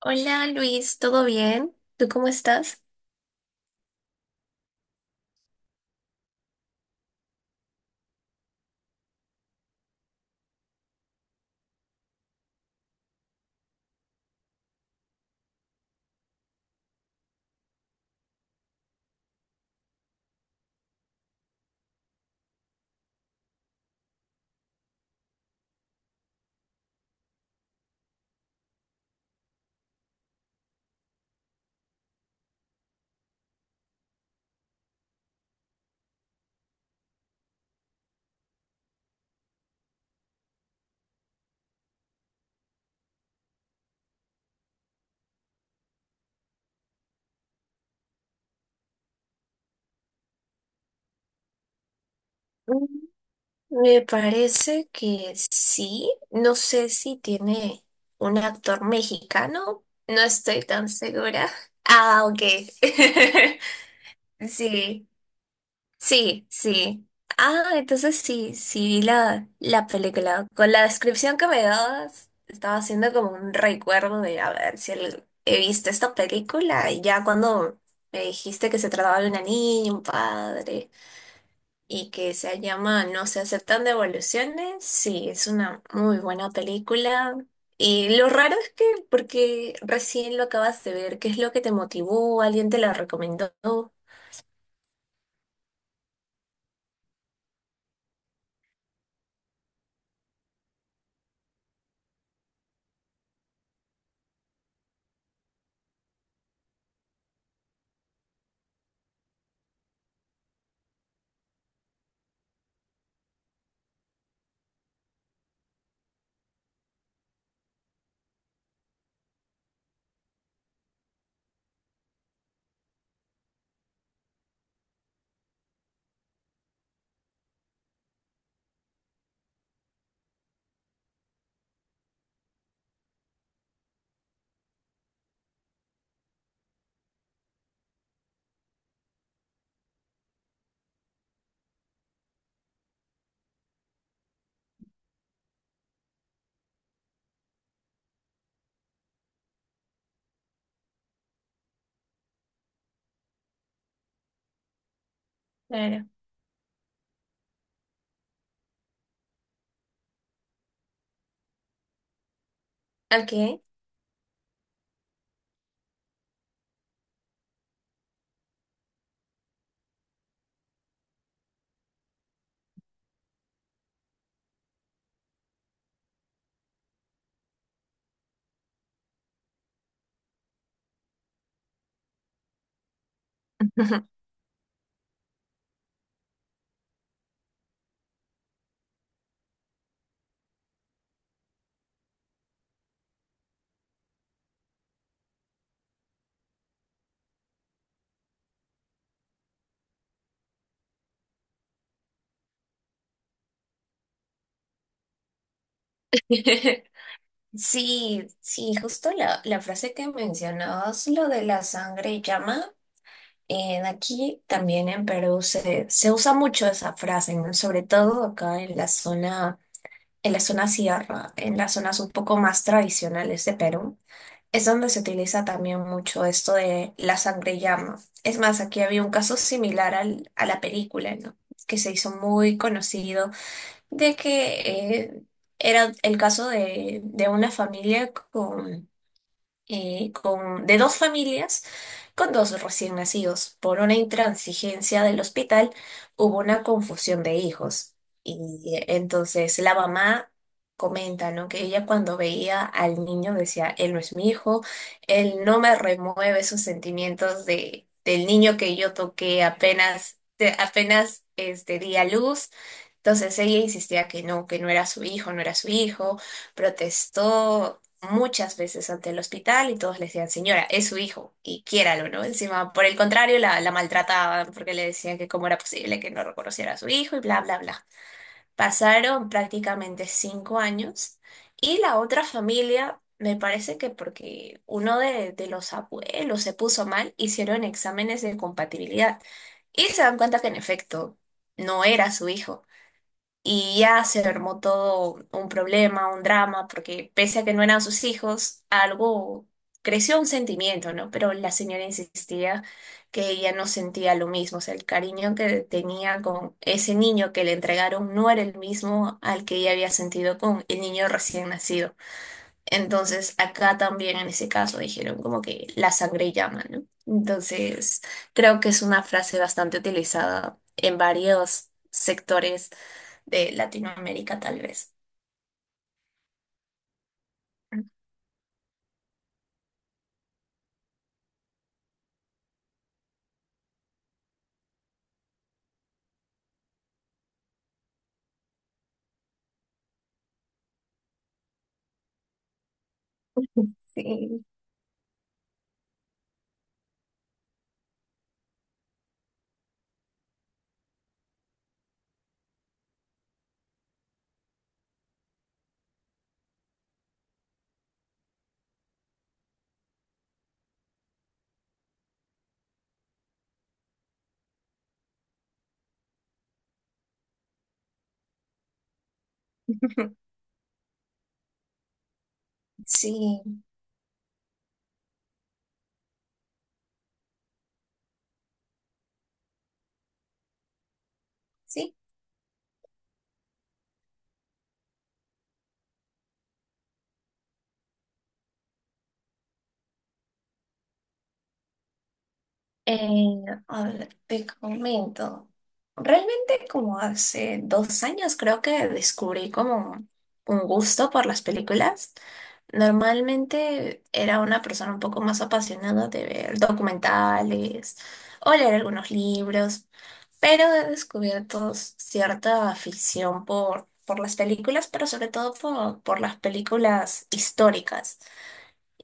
Hola Luis, ¿todo bien? ¿Tú cómo estás? Mm. Me parece que sí. No sé si tiene un actor mexicano. No estoy tan segura. Ah, ok. Sí, sí, sí. Ah, entonces sí, sí vi la película. Con la descripción que me dabas, estaba haciendo como un recuerdo de a ver si he visto esta película y ya cuando me dijiste que se trataba de una niña, un padre, y que se llama No se aceptan devoluciones. Sí, es una muy buena película. Y lo raro es que, porque recién lo acabas de ver, ¿qué es lo que te motivó? ¿Alguien te la recomendó? Claro. Ok. Sí, sí, justo la frase que mencionabas, lo de la sangre llama, en aquí también en Perú se usa mucho esa frase, ¿no? Sobre todo acá en la zona. En la zona sierra, en las zonas un poco más tradicionales de Perú, es donde se utiliza también mucho esto de la sangre llama. Es más, aquí había un caso similar a la película, ¿no? Que se hizo muy conocido, de que era el caso de una familia con, de dos familias con dos recién nacidos. Por una intransigencia del hospital hubo una confusión de hijos. Y entonces la mamá comenta, ¿no? Que ella cuando veía al niño decía, él no es mi hijo, él no me remueve esos sentimientos de, del niño que yo toqué apenas, apenas di a luz. Entonces ella insistía que no era su hijo, no era su hijo, protestó muchas veces ante el hospital y todos le decían, señora, es su hijo y quiéralo, ¿no? Encima, por el contrario, la maltrataban porque le decían que cómo era posible que no reconociera a su hijo y bla, bla, bla. Pasaron prácticamente 5 años y la otra familia, me parece que porque uno de los abuelos se puso mal, hicieron exámenes de compatibilidad y se dan cuenta que en efecto no era su hijo. Y ya se armó todo un problema, un drama, porque pese a que no eran sus hijos, algo creció un sentimiento, ¿no? Pero la señora insistía que ella no sentía lo mismo, o sea, el cariño que tenía con ese niño que le entregaron no era el mismo al que ella había sentido con el niño recién nacido. Entonces, acá también en ese caso dijeron como que la sangre llama, ¿no? Entonces, creo que es una frase bastante utilizada en varios sectores de Latinoamérica, tal vez. Sí, sí, sí. A ver, te comento. Realmente como hace 2 años creo que descubrí como un gusto por las películas. Normalmente era una persona un poco más apasionada de ver documentales o leer algunos libros, pero he descubierto cierta afición por las películas, pero sobre todo por las películas históricas.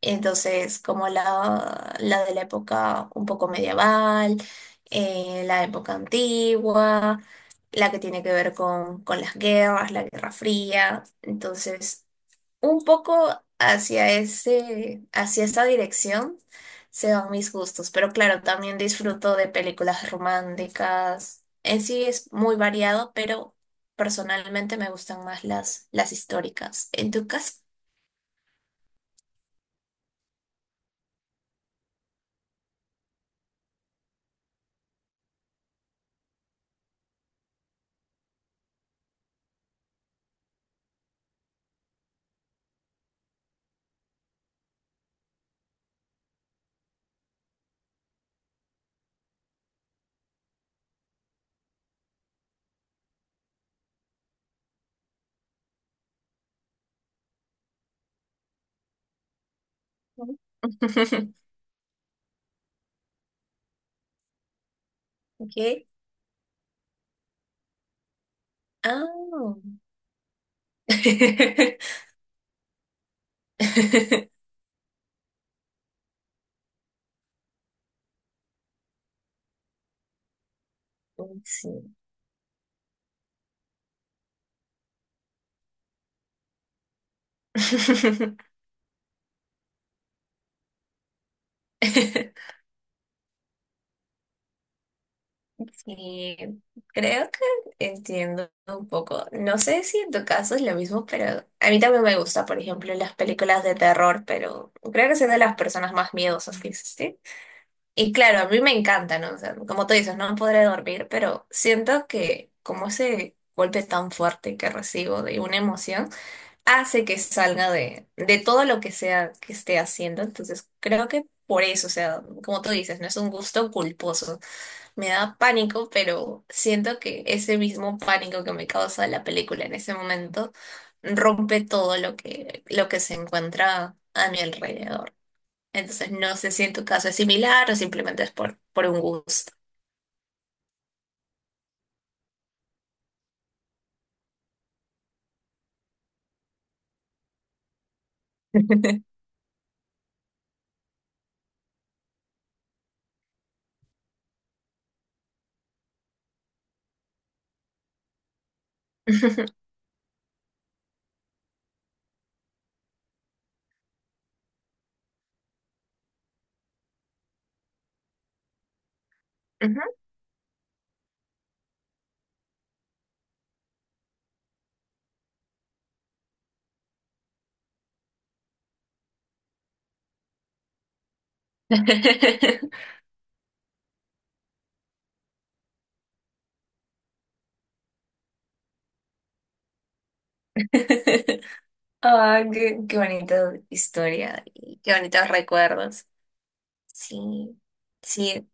Entonces, como la de la época un poco medieval, la época antigua, la que tiene que ver con las guerras, la Guerra Fría. Entonces. Un poco hacia ese, hacia esa dirección se van mis gustos, pero claro, también disfruto de películas románticas. En sí es muy variado, pero personalmente me gustan más las históricas. ¿En tu caso? No. Ok. Ah. Sí. Y creo que entiendo un poco. No sé si en tu caso es lo mismo, pero a mí también me gusta, por ejemplo, las películas de terror, pero creo que soy de las personas más miedosas que existen. Y claro, a mí me encanta, ¿no? O sea, como tú dices, no podré dormir, pero siento que como ese golpe tan fuerte que recibo de una emoción, hace que salga de todo lo que sea que esté haciendo. Entonces, creo que por eso, o sea, como tú dices, no es un gusto culposo. Me da pánico, pero siento que ese mismo pánico que me causa la película en ese momento rompe todo lo que se encuentra a mi alrededor. Entonces, no sé si en tu caso es similar o simplemente es por un gusto. Ujú. Ah, qué bonita historia y qué bonitos recuerdos. Sí, sí,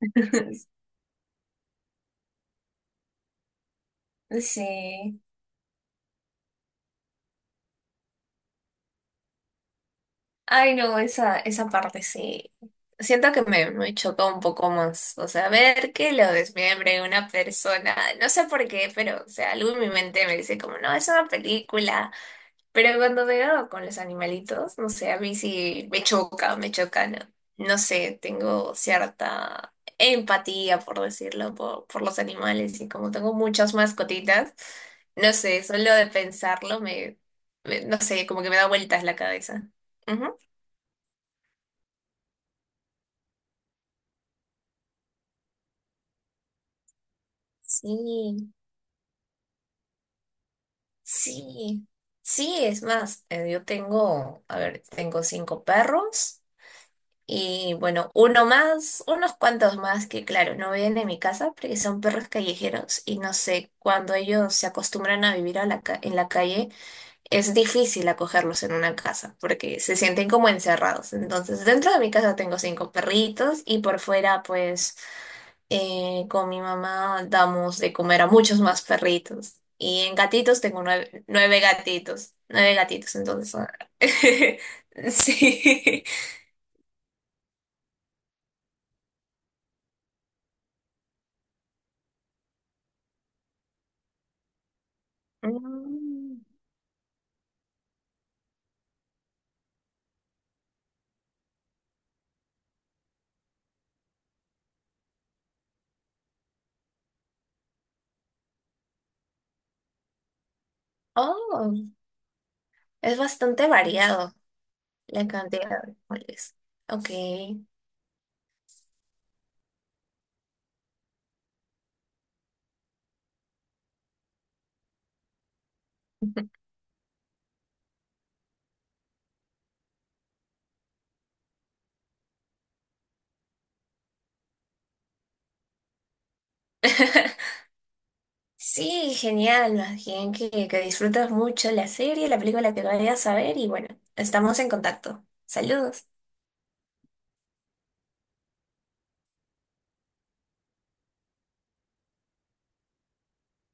sí. Ay, no, esa parte sí. Siento que me chocó un poco más. O sea, ver que lo desmembre una persona, no sé por qué, pero, o sea, algo en mi mente me dice como, no, es una película. Pero cuando veo con los animalitos, no sé, a mí sí me choca, ¿no? No sé, tengo cierta empatía, por decirlo, por los animales y como tengo muchas mascotitas, no sé, solo de pensarlo no sé, como que me da vueltas la cabeza. Ujú. Sí, sí, sí, es más, yo tengo, a ver, tengo cinco perros. Y bueno, uno más, unos cuantos más que claro, no ven en mi casa porque son perros callejeros y no sé, cuando ellos se acostumbran a vivir a la en la calle, es difícil acogerlos en una casa porque se sienten como encerrados. Entonces, dentro de mi casa tengo cinco perritos y por fuera, pues, con mi mamá damos de comer a muchos más perritos. Y en gatitos tengo nueve, nueve gatitos, entonces, sí. Mm. Oh, es bastante variado la cantidad de árboles. Ok. Sí, genial. Más bien que disfrutas mucho la serie, la película que vayas a ver y bueno, estamos en contacto. Saludos.